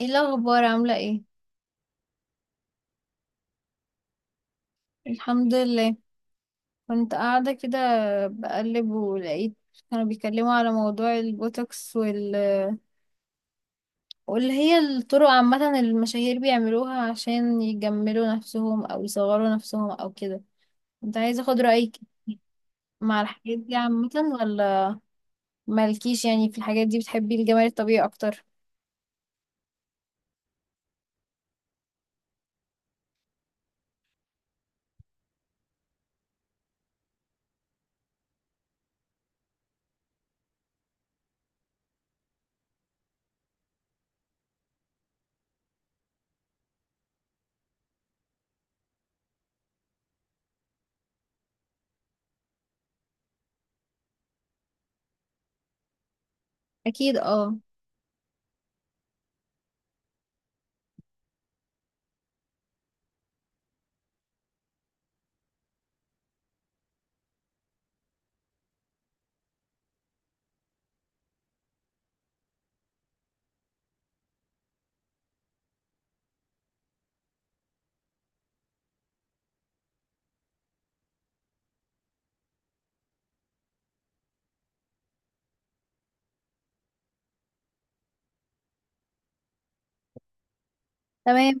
ايه الاخبار، عامله ايه؟ الحمد لله. كنت قاعده كده بقلب، ولقيت كانوا بيتكلموا على موضوع البوتوكس واللي هي الطرق عامه اللي المشاهير بيعملوها عشان يجملوا نفسهم او يصغروا نفسهم او كده. كنت عايزه اخد رايك مع الحاجات دي عامه، ولا مالكيش؟ يعني في الحاجات دي بتحبي الجمال الطبيعي اكتر؟ اكيد اه. تمام.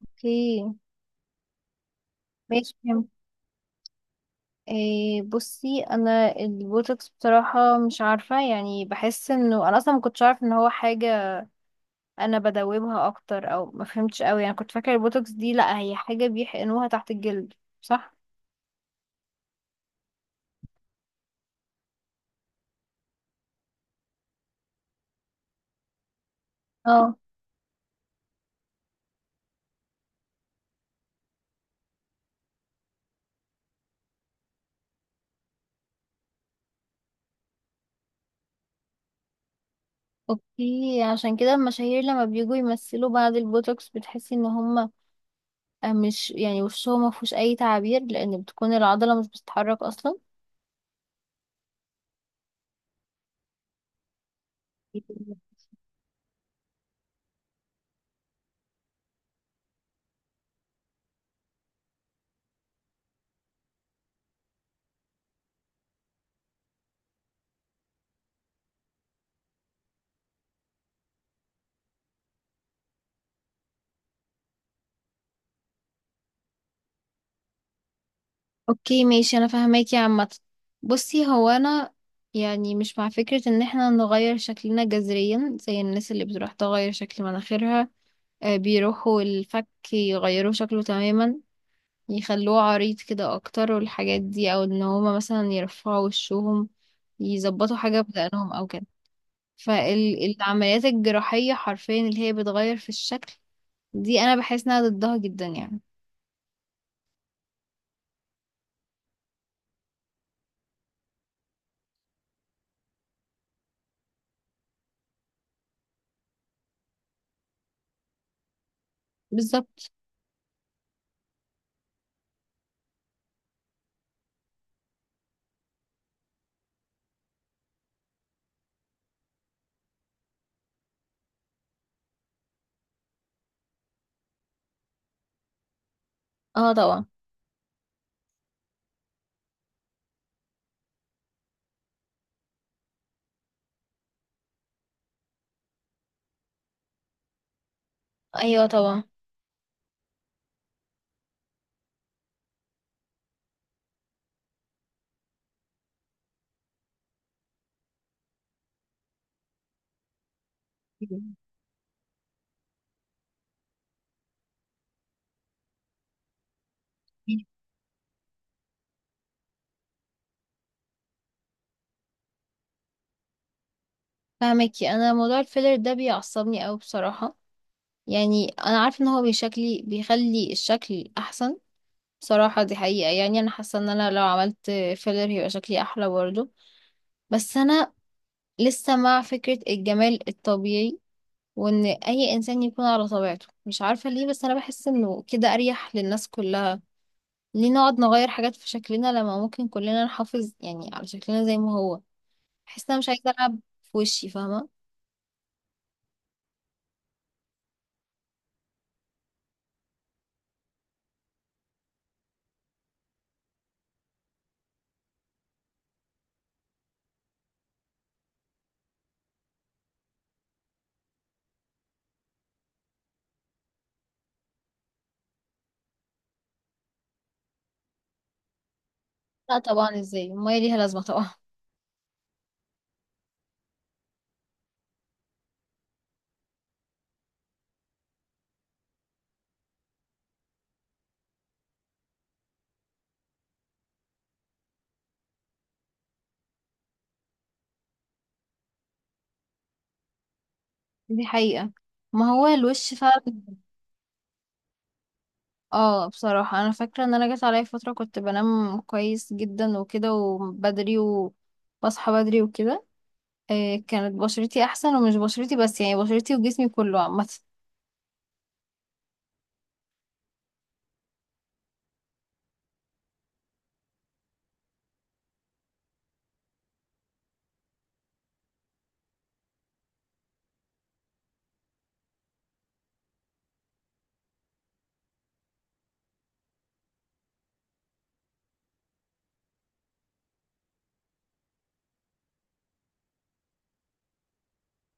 اوكي ماشي، فهمت. إيه، بصي انا البوتوكس بصراحة مش عارفة، يعني بحس انه انا اصلا ما كنتش عارف ان هو حاجة انا بدوبها اكتر، او ما فهمتش قوي. يعني كنت فاكرة البوتوكس دي لا، هي حاجة بيحقنوها تحت الجلد، صح. اه. اوكي، عشان كده المشاهير لما بيجوا يمثلوا بعد البوتوكس بتحسي ان هم مش يعني وشهم ما فيهوش اي تعابير، لان بتكون العضلة مش بتتحرك اصلا. اوكي ماشي، انا فاهماكي عامه. بصي هو انا يعني مش مع فكره ان احنا نغير شكلنا جذريا زي الناس اللي بتروح تغير شكل مناخيرها، بيروحوا الفك يغيروا شكله تماما، يخلوه عريض كده اكتر والحاجات دي، او ان هما مثلا يرفعوا وشهم، يظبطوا حاجه بدقنهم او كده. فالعمليات الجراحيه حرفيا اللي هي بتغير في الشكل دي انا بحس انها ضدها جدا يعني. بالظبط. اه طبعا. ايوه طبعا. فاهمكي. انا موضوع الفيلر ده بيعصبني قوي بصراحه. يعني انا عارفه ان هو بيشكلي بيخلي الشكل احسن، بصراحه دي حقيقه. يعني انا حاسه ان انا لو عملت فيلر هيبقى شكلي احلى برضه، بس انا لسه مع فكره الجمال الطبيعي، وان اي انسان يكون على طبيعته. مش عارفه ليه بس انا بحس انه كده اريح للناس كلها. ليه نقعد نغير حاجات في شكلنا لما ممكن كلنا نحافظ يعني على شكلنا زي ما هو؟ بحس إن انا مش عايزه العب في وشي، فاهمه؟ لا طبعا، ازاي، الميه ليها لازمه طبعا. دي حقيقة، ما هو الوش فعلا. اه بصراحة انا فاكرة ان انا جت عليا فترة كنت بنام كويس جدا وكده، وبدري وبصحى بدري وكده. إيه، كانت بشرتي احسن، ومش بشرتي بس يعني، بشرتي وجسمي كله عامة.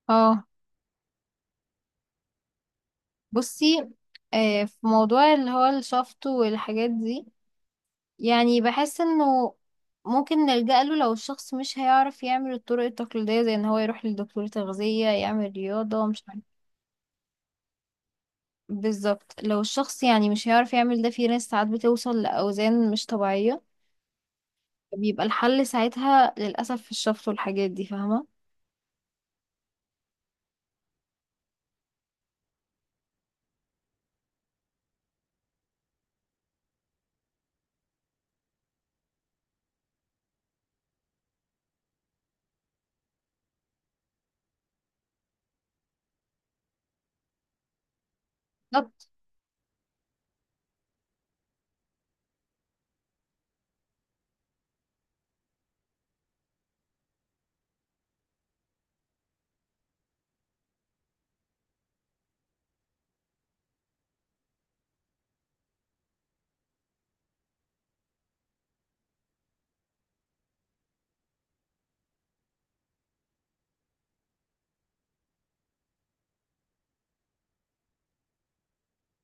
اه. بصي، إيه، في موضوع اللي هو الشفط والحاجات دي يعني بحس انه ممكن نلجأ له لو الشخص مش هيعرف يعمل الطرق التقليدية، زي ان هو يروح لدكتور تغذية، يعمل رياضة، مش عارف. بالظبط، لو الشخص يعني مش هيعرف يعمل ده، في ناس ساعات بتوصل لأوزان مش طبيعية. بيبقى الحل ساعتها للأسف في الشفط والحاجات دي، فاهمة. بالظبط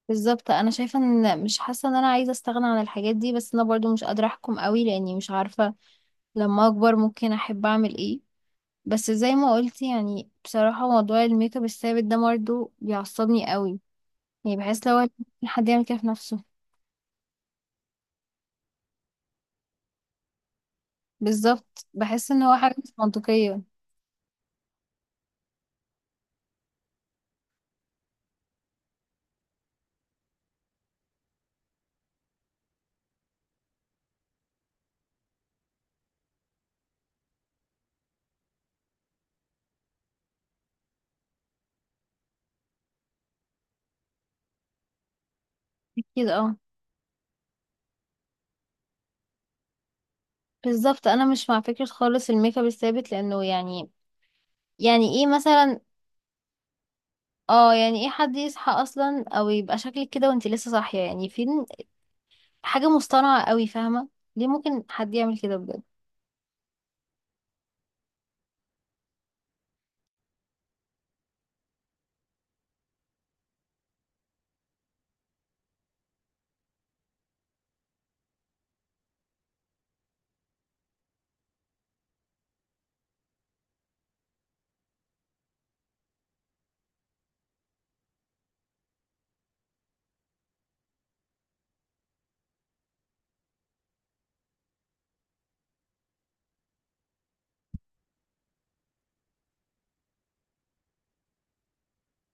بالظبط. أنا شايفة إن مش حاسة إن أنا عايزة أستغنى عن الحاجات دي، بس أنا برضو مش قادرة أحكم قوي، لأني مش عارفة لما أكبر ممكن أحب أعمل إيه. بس زي ما قلت يعني بصراحة موضوع الميك اب الثابت ده برضو بيعصبني قوي. يعني بحس لو حد يعمل كده في نفسه. بالظبط، بحس إن هو حاجة مش منطقية. أكيد اه. بالظبط انا مش مع فكرة خالص الميك اب الثابت، لانه يعني، يعني ايه مثلا؟ اه، يعني ايه حد يصحى اصلا او يبقى شكلك كده وانت لسه صاحية؟ يعني فين؟ حاجة مصطنعة قوي، فاهمة؟ ليه ممكن حد يعمل كده بجد؟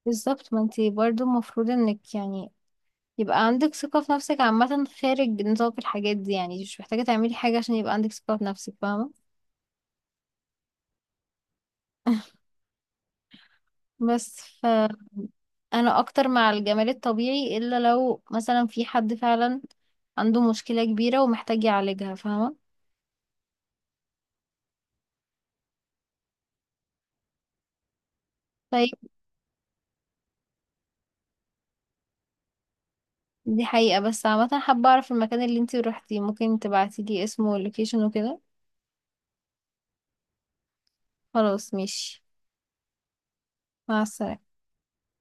بالظبط ما انت برضو المفروض انك يعني يبقى عندك ثقة في نفسك عامة خارج نطاق الحاجات دي، يعني مش محتاجة تعملي حاجة عشان يبقى عندك ثقة في نفسك، فاهمة؟ بس فانا اكتر مع الجمال الطبيعي، الا لو مثلا في حد فعلا عنده مشكلة كبيرة ومحتاج يعالجها، فاهمة. طيب. دي حقيقة، بس عامة حابة اعرف المكان اللي انتي روحتيه، ممكن تبعتيلي اسمه واللوكيشن وكده. خلاص ماشي. مع السلامة.